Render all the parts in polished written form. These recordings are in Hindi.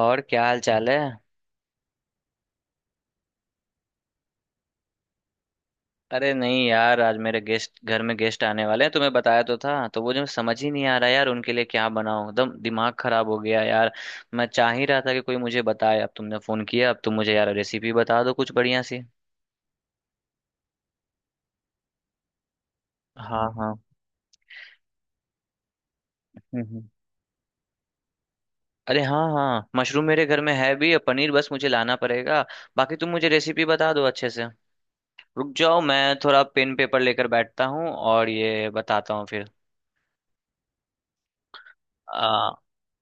और क्या हाल चाल है। अरे नहीं यार, आज मेरे गेस्ट, घर में गेस्ट आने वाले हैं, तुम्हें बताया तो था। तो वो जो समझ ही नहीं आ रहा यार उनके लिए क्या बनाऊं, एकदम दिमाग खराब हो गया यार। मैं चाह ही रहा था कि कोई मुझे बताए, अब तुमने फोन किया, अब तुम मुझे यार रेसिपी बता दो कुछ बढ़िया सी। हाँ हाँ। हम्म हम्म। अरे हाँ हाँ, मशरूम मेरे घर में है भी और पनीर बस मुझे लाना पड़ेगा। बाकी तुम मुझे रेसिपी बता दो अच्छे से। रुक जाओ, मैं थोड़ा पेन पेपर लेकर बैठता हूँ और ये बताता हूँ फिर। आ,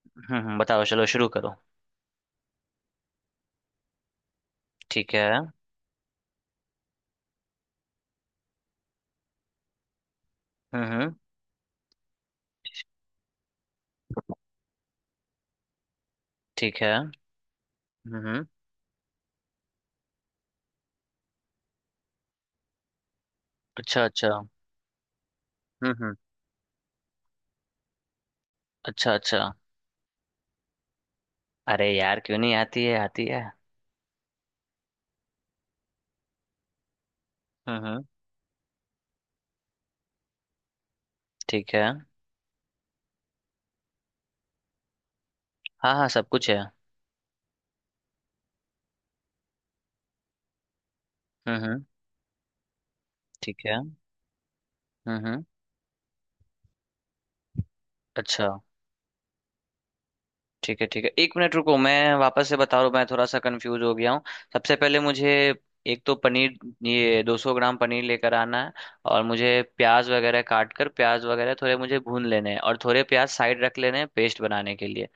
बताओ चलो शुरू करो। ठीक है। हम्म। ठीक है। हम्म। अच्छा अच्छा। हम्म। अच्छा अच्छा। अरे यार क्यों नहीं आती है, आती है। हम्म। ठीक है। हाँ हाँ सब कुछ है। हम्म। ठीक है। हम्म। अच्छा। ठीक है ठीक है, एक मिनट रुको, मैं वापस से बता रहा हूँ, मैं थोड़ा सा कंफ्यूज हो गया हूँ। सबसे पहले मुझे एक तो पनीर, ये 200 ग्राम पनीर लेकर आना है। और मुझे प्याज वगैरह काट कर, प्याज वगैरह थोड़े मुझे भून लेने हैं और थोड़े प्याज साइड रख लेने हैं पेस्ट बनाने के लिए।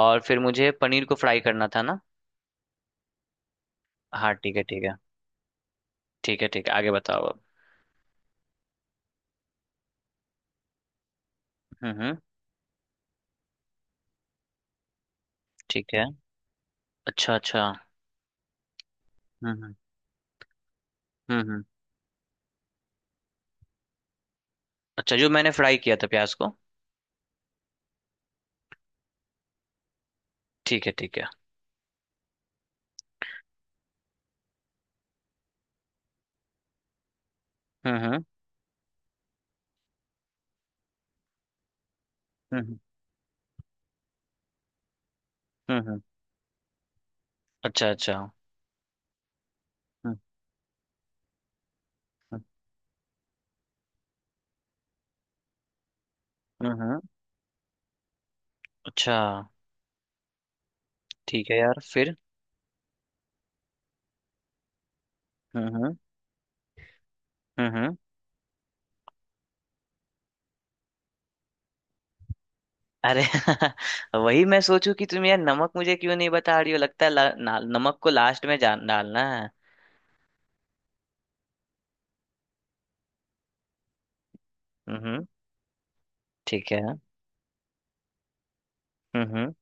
और फिर मुझे पनीर को फ्राई करना था ना? हाँ ठीक है ठीक है। ठीक है ठीक है, आगे बताओ अब। हम्म। ठीक है। अच्छा अच्छा। हम्म। हम्म हम्म। अच्छा, जो मैंने फ्राई किया था प्याज को? ठीक है ठीक है। हम्म। हम्म हम्म। हम्म। अच्छा अच्छा। हम्म। हम्म, हम्म। अच्छा। ठीक है यार फिर। हम्म। हम्म हम्म। अरे वही मैं सोचूं कि तुम यार नमक मुझे क्यों नहीं बता रही हो, लगता है नमक को लास्ट में जान डालना है। हम्म। ठीक है। हम्म।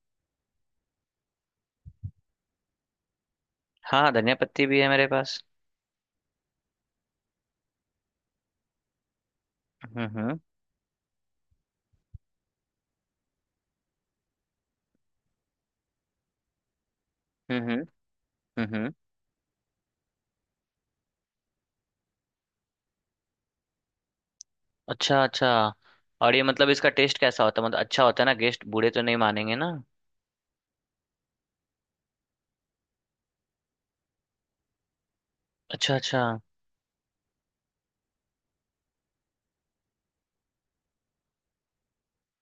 हाँ धनिया पत्ती भी है मेरे पास। हम्म। हम्म हम्म। हम्म। अच्छा अच्छा। और ये मतलब इसका टेस्ट कैसा होता है, मतलब अच्छा होता है ना? गेस्ट बूढ़े तो नहीं मानेंगे ना? अच्छा अच्छा।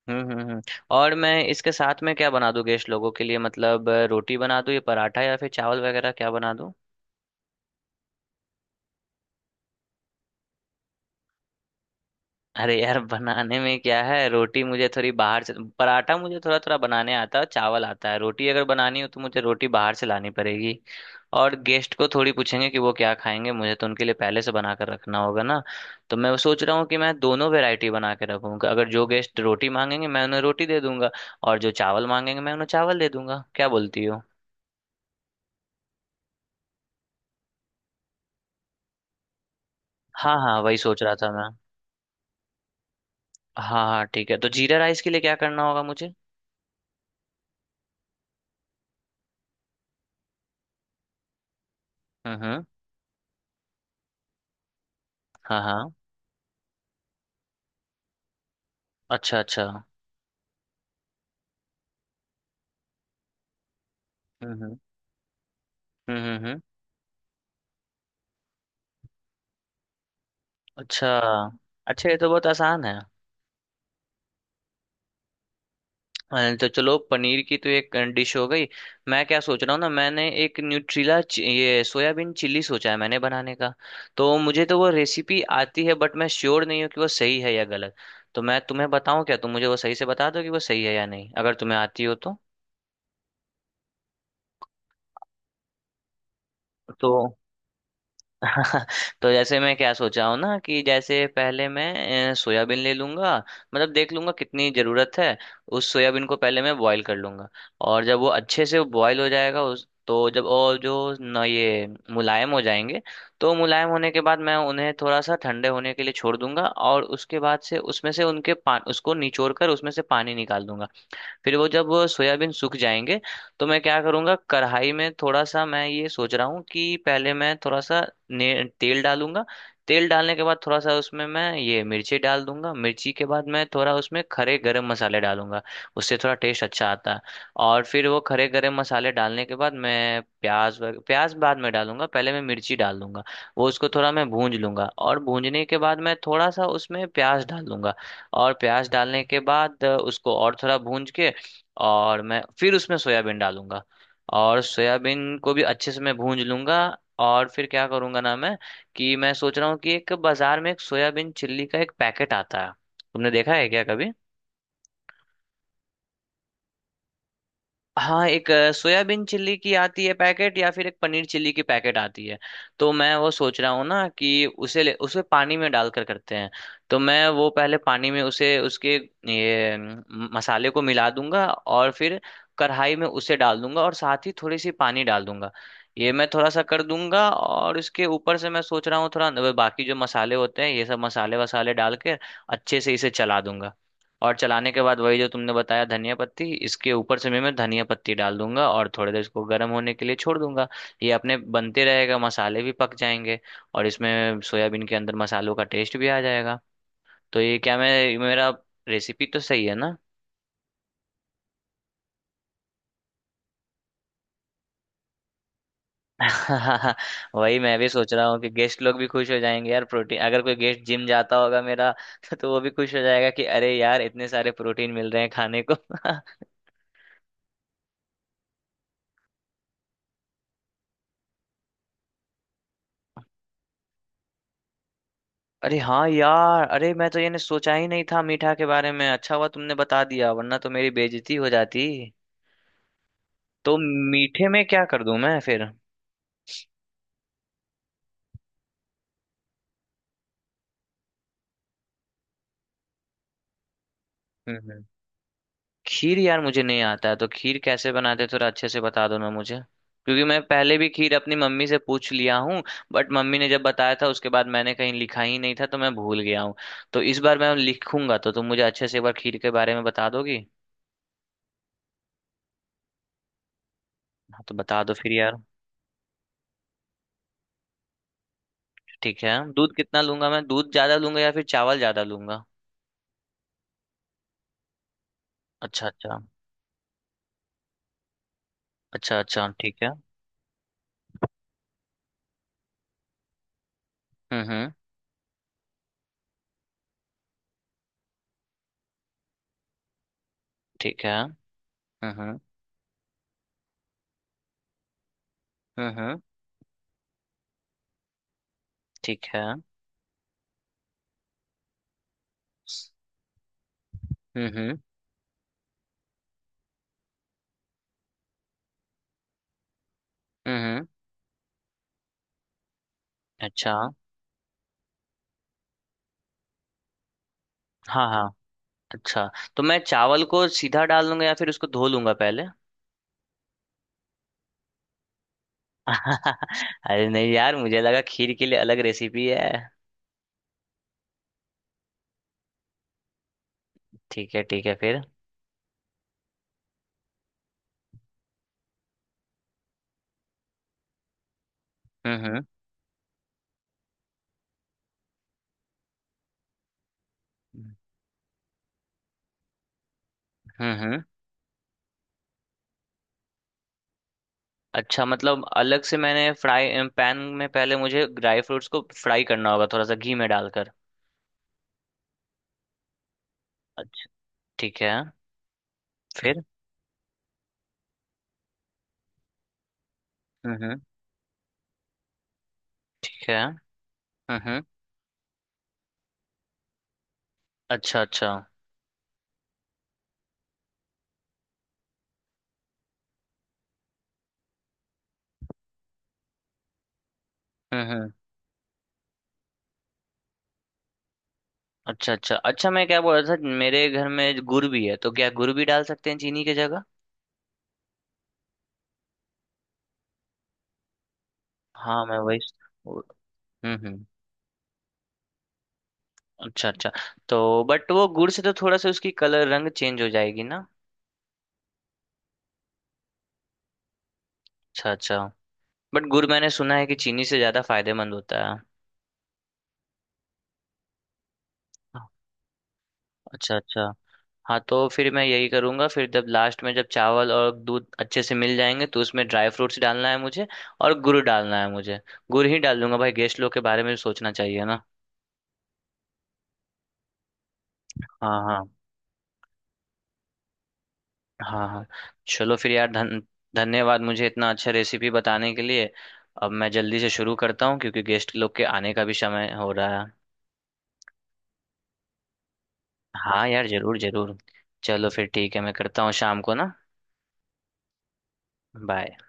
हम्म। और मैं इसके साथ में क्या बना दूं गेस्ट लोगों के लिए? मतलब रोटी बना दूं या पराठा या फिर चावल वगैरह क्या बना? अरे यार बनाने में क्या है, रोटी मुझे थोड़ी बाहर से। पराठा मुझे थोड़ा थोड़ा बनाने आता है, चावल आता है, रोटी अगर बनानी हो तो मुझे रोटी बाहर से लानी पड़ेगी। और गेस्ट को थोड़ी पूछेंगे कि वो क्या खाएंगे, मुझे तो उनके लिए पहले से बना कर रखना होगा ना। तो मैं सोच रहा हूँ कि मैं दोनों वैरायटी बना के रखूंगा, अगर जो गेस्ट रोटी मांगेंगे मैं उन्हें रोटी दे दूंगा, और जो चावल मांगेंगे मैं उन्हें चावल दे दूंगा, क्या बोलती हो? हाँ हाँ वही सोच रहा था मैं। हाँ हाँ ठीक है, तो जीरा राइस के लिए क्या करना होगा मुझे? हम्म। हाँ हाँ। अच्छा अच्छा। हम्म। हम्म हम्म हम्म। अच्छा। अच्छा ये तो बहुत आसान है। तो चलो पनीर की तो एक डिश हो गई। मैं क्या सोच रहा हूँ ना, मैंने एक न्यूट्रीला ये सोयाबीन चिल्ली सोचा है मैंने बनाने का। तो मुझे तो वो रेसिपी आती है बट मैं श्योर नहीं हूँ कि वो सही है या गलत। तो मैं तुम्हें बताऊँ क्या, तुम मुझे वो सही से बता दो कि वो सही है या नहीं, अगर तुम्हें आती हो तो। तो तो जैसे मैं क्या सोचा हूँ ना कि जैसे पहले मैं सोयाबीन ले लूंगा, मतलब देख लूंगा कितनी ज़रूरत है। उस सोयाबीन को पहले मैं बॉईल कर लूंगा, और जब वो अच्छे से बॉईल हो जाएगा उस तो जब और जो न ये मुलायम हो जाएंगे। तो मुलायम होने के बाद मैं उन्हें थोड़ा सा ठंडे होने के लिए छोड़ दूंगा और उसके बाद से उसमें से उनके पा उसको निचोड़ कर उसमें से पानी निकाल दूंगा। फिर वो जब सोयाबीन सूख जाएंगे तो मैं क्या करूँगा, कढ़ाई में थोड़ा सा, मैं ये सोच रहा हूँ कि पहले मैं थोड़ा सा ने तेल डालूंगा। तेल डालने के बाद थोड़ा सा उसमें मैं ये मिर्ची डाल दूंगा, मिर्ची के बाद मैं थोड़ा उसमें खड़े गरम मसाले डालूंगा, उससे थोड़ा टेस्ट अच्छा आता है। और फिर वो खड़े गरम मसाले डालने के बाद मैं प्याज बाद में डालूंगा, पहले मैं मिर्ची डाल दूंगा। वो उसको थोड़ा मैं भूंज लूंगा और भूंजने के बाद मैं थोड़ा सा उसमें प्याज डाल दूंगा। और प्याज डालने के बाद उसको और थोड़ा भूंज के, और मैं फिर उसमें सोयाबीन डालूंगा। और सोयाबीन को भी अच्छे से मैं भूंज लूंगा। और फिर क्या करूंगा ना मैं, कि मैं सोच रहा हूँ कि एक बाजार में एक सोयाबीन चिल्ली का एक पैकेट आता है, तुमने देखा है क्या कभी? हाँ एक सोयाबीन चिल्ली की आती है पैकेट या फिर एक पनीर चिल्ली की पैकेट आती है। तो मैं वो सोच रहा हूँ ना कि उसे ले, उसे पानी में डालकर करते हैं। तो मैं वो पहले पानी में उसे उसके ये मसाले को मिला दूंगा और फिर कढ़ाई में उसे डाल दूंगा और साथ ही थोड़ी सी पानी डाल दूंगा। ये मैं थोड़ा सा कर दूंगा और इसके ऊपर से मैं सोच रहा हूँ थोड़ा बाकी जो मसाले होते हैं ये सब मसाले वसाले डाल के अच्छे से इसे चला दूंगा। और चलाने के बाद वही जो तुमने बताया धनिया पत्ती, इसके ऊपर से भी मैं धनिया पत्ती डाल दूंगा और थोड़ी देर इसको गर्म होने के लिए छोड़ दूंगा। ये अपने बनते रहेगा, मसाले भी पक जाएंगे, और इसमें सोयाबीन के अंदर मसालों का टेस्ट भी आ जाएगा। तो ये क्या मैं मेरा रेसिपी तो सही है ना? वही मैं भी सोच रहा हूँ कि गेस्ट लोग भी खुश हो जाएंगे यार, प्रोटीन, अगर कोई गेस्ट जिम जाता होगा मेरा तो वो भी खुश हो जाएगा कि अरे यार इतने सारे प्रोटीन मिल रहे हैं खाने को। अरे हाँ यार, अरे मैं तो ये ने सोचा ही नहीं था मीठा के बारे में, अच्छा हुआ तुमने बता दिया, वरना तो मेरी बेइज्जती हो जाती। तो मीठे में क्या कर दूं मैं फिर? हम्म। हम्म। खीर यार मुझे नहीं आता है, तो खीर कैसे बनाते थोड़ा अच्छे से बता दो ना मुझे। क्योंकि मैं पहले भी खीर अपनी मम्मी से पूछ लिया हूँ, बट मम्मी ने जब बताया था उसके बाद मैंने कहीं लिखा ही नहीं था तो मैं भूल गया हूँ। तो इस बार मैं लिखूंगा, तो तुम मुझे अच्छे से एक बार खीर के बारे में बता दोगी। हाँ तो बता दो फिर यार। ठीक है, दूध कितना लूंगा मैं? दूध ज्यादा लूंगा या फिर चावल ज्यादा लूंगा? अच्छा अच्छा। अच्छा अच्छा ठीक है। हम्म। ठीक है। हम्म। हम्म हम्म, ठीक है। हम्म। हम्म हम्म। हम्म अच्छा। हाँ हाँ। अच्छा, तो मैं चावल को सीधा डाल दूंगा या फिर उसको धो लूंगा पहले? अरे नहीं यार, मुझे लगा खीर के लिए अलग रेसिपी है। ठीक है ठीक है फिर। हम्म। हम्म। अच्छा, मतलब अलग से मैंने फ्राई पैन में पहले मुझे ड्राई फ्रूट्स को फ्राई करना होगा थोड़ा सा घी में डालकर? अच्छा। ठीक है। फिर। हम्म। ठीक है। हम्म। हम्म। अच्छा अच्छा। हम्म। अच्छा अच्छा अच्छा, मैं क्या बोल रहा था, मेरे घर में गुड़ भी है, तो क्या गुड़ भी डाल सकते हैं चीनी की जगह? हाँ मैं वही वो- हम्म। अच्छा अच्छा। तो बट वो गुड़ से तो थोड़ा सा उसकी कलर रंग चेंज हो जाएगी ना? अच्छा अच्छा। बट गुड़ मैंने सुना है कि चीनी से ज्यादा फायदेमंद होता है। अच्छा अच्छा। हाँ तो फिर मैं यही करूंगा, फिर जब लास्ट में जब चावल और दूध अच्छे से मिल जाएंगे तो उसमें ड्राई फ्रूट्स डालना है मुझे और गुड़ डालना है मुझे। गुड़ ही डाल दूंगा भाई, गेस्ट लोग के बारे में भी सोचना चाहिए ना। हाँ हाँ। हाँ हाँ। चलो फिर यार, धन धन्यवाद मुझे इतना अच्छा रेसिपी बताने के लिए। अब मैं जल्दी से शुरू करता हूँ क्योंकि गेस्ट लोग के आने का भी समय हो रहा है। हाँ यार जरूर जरूर। चलो फिर ठीक है, मैं करता हूँ शाम को ना। बाय।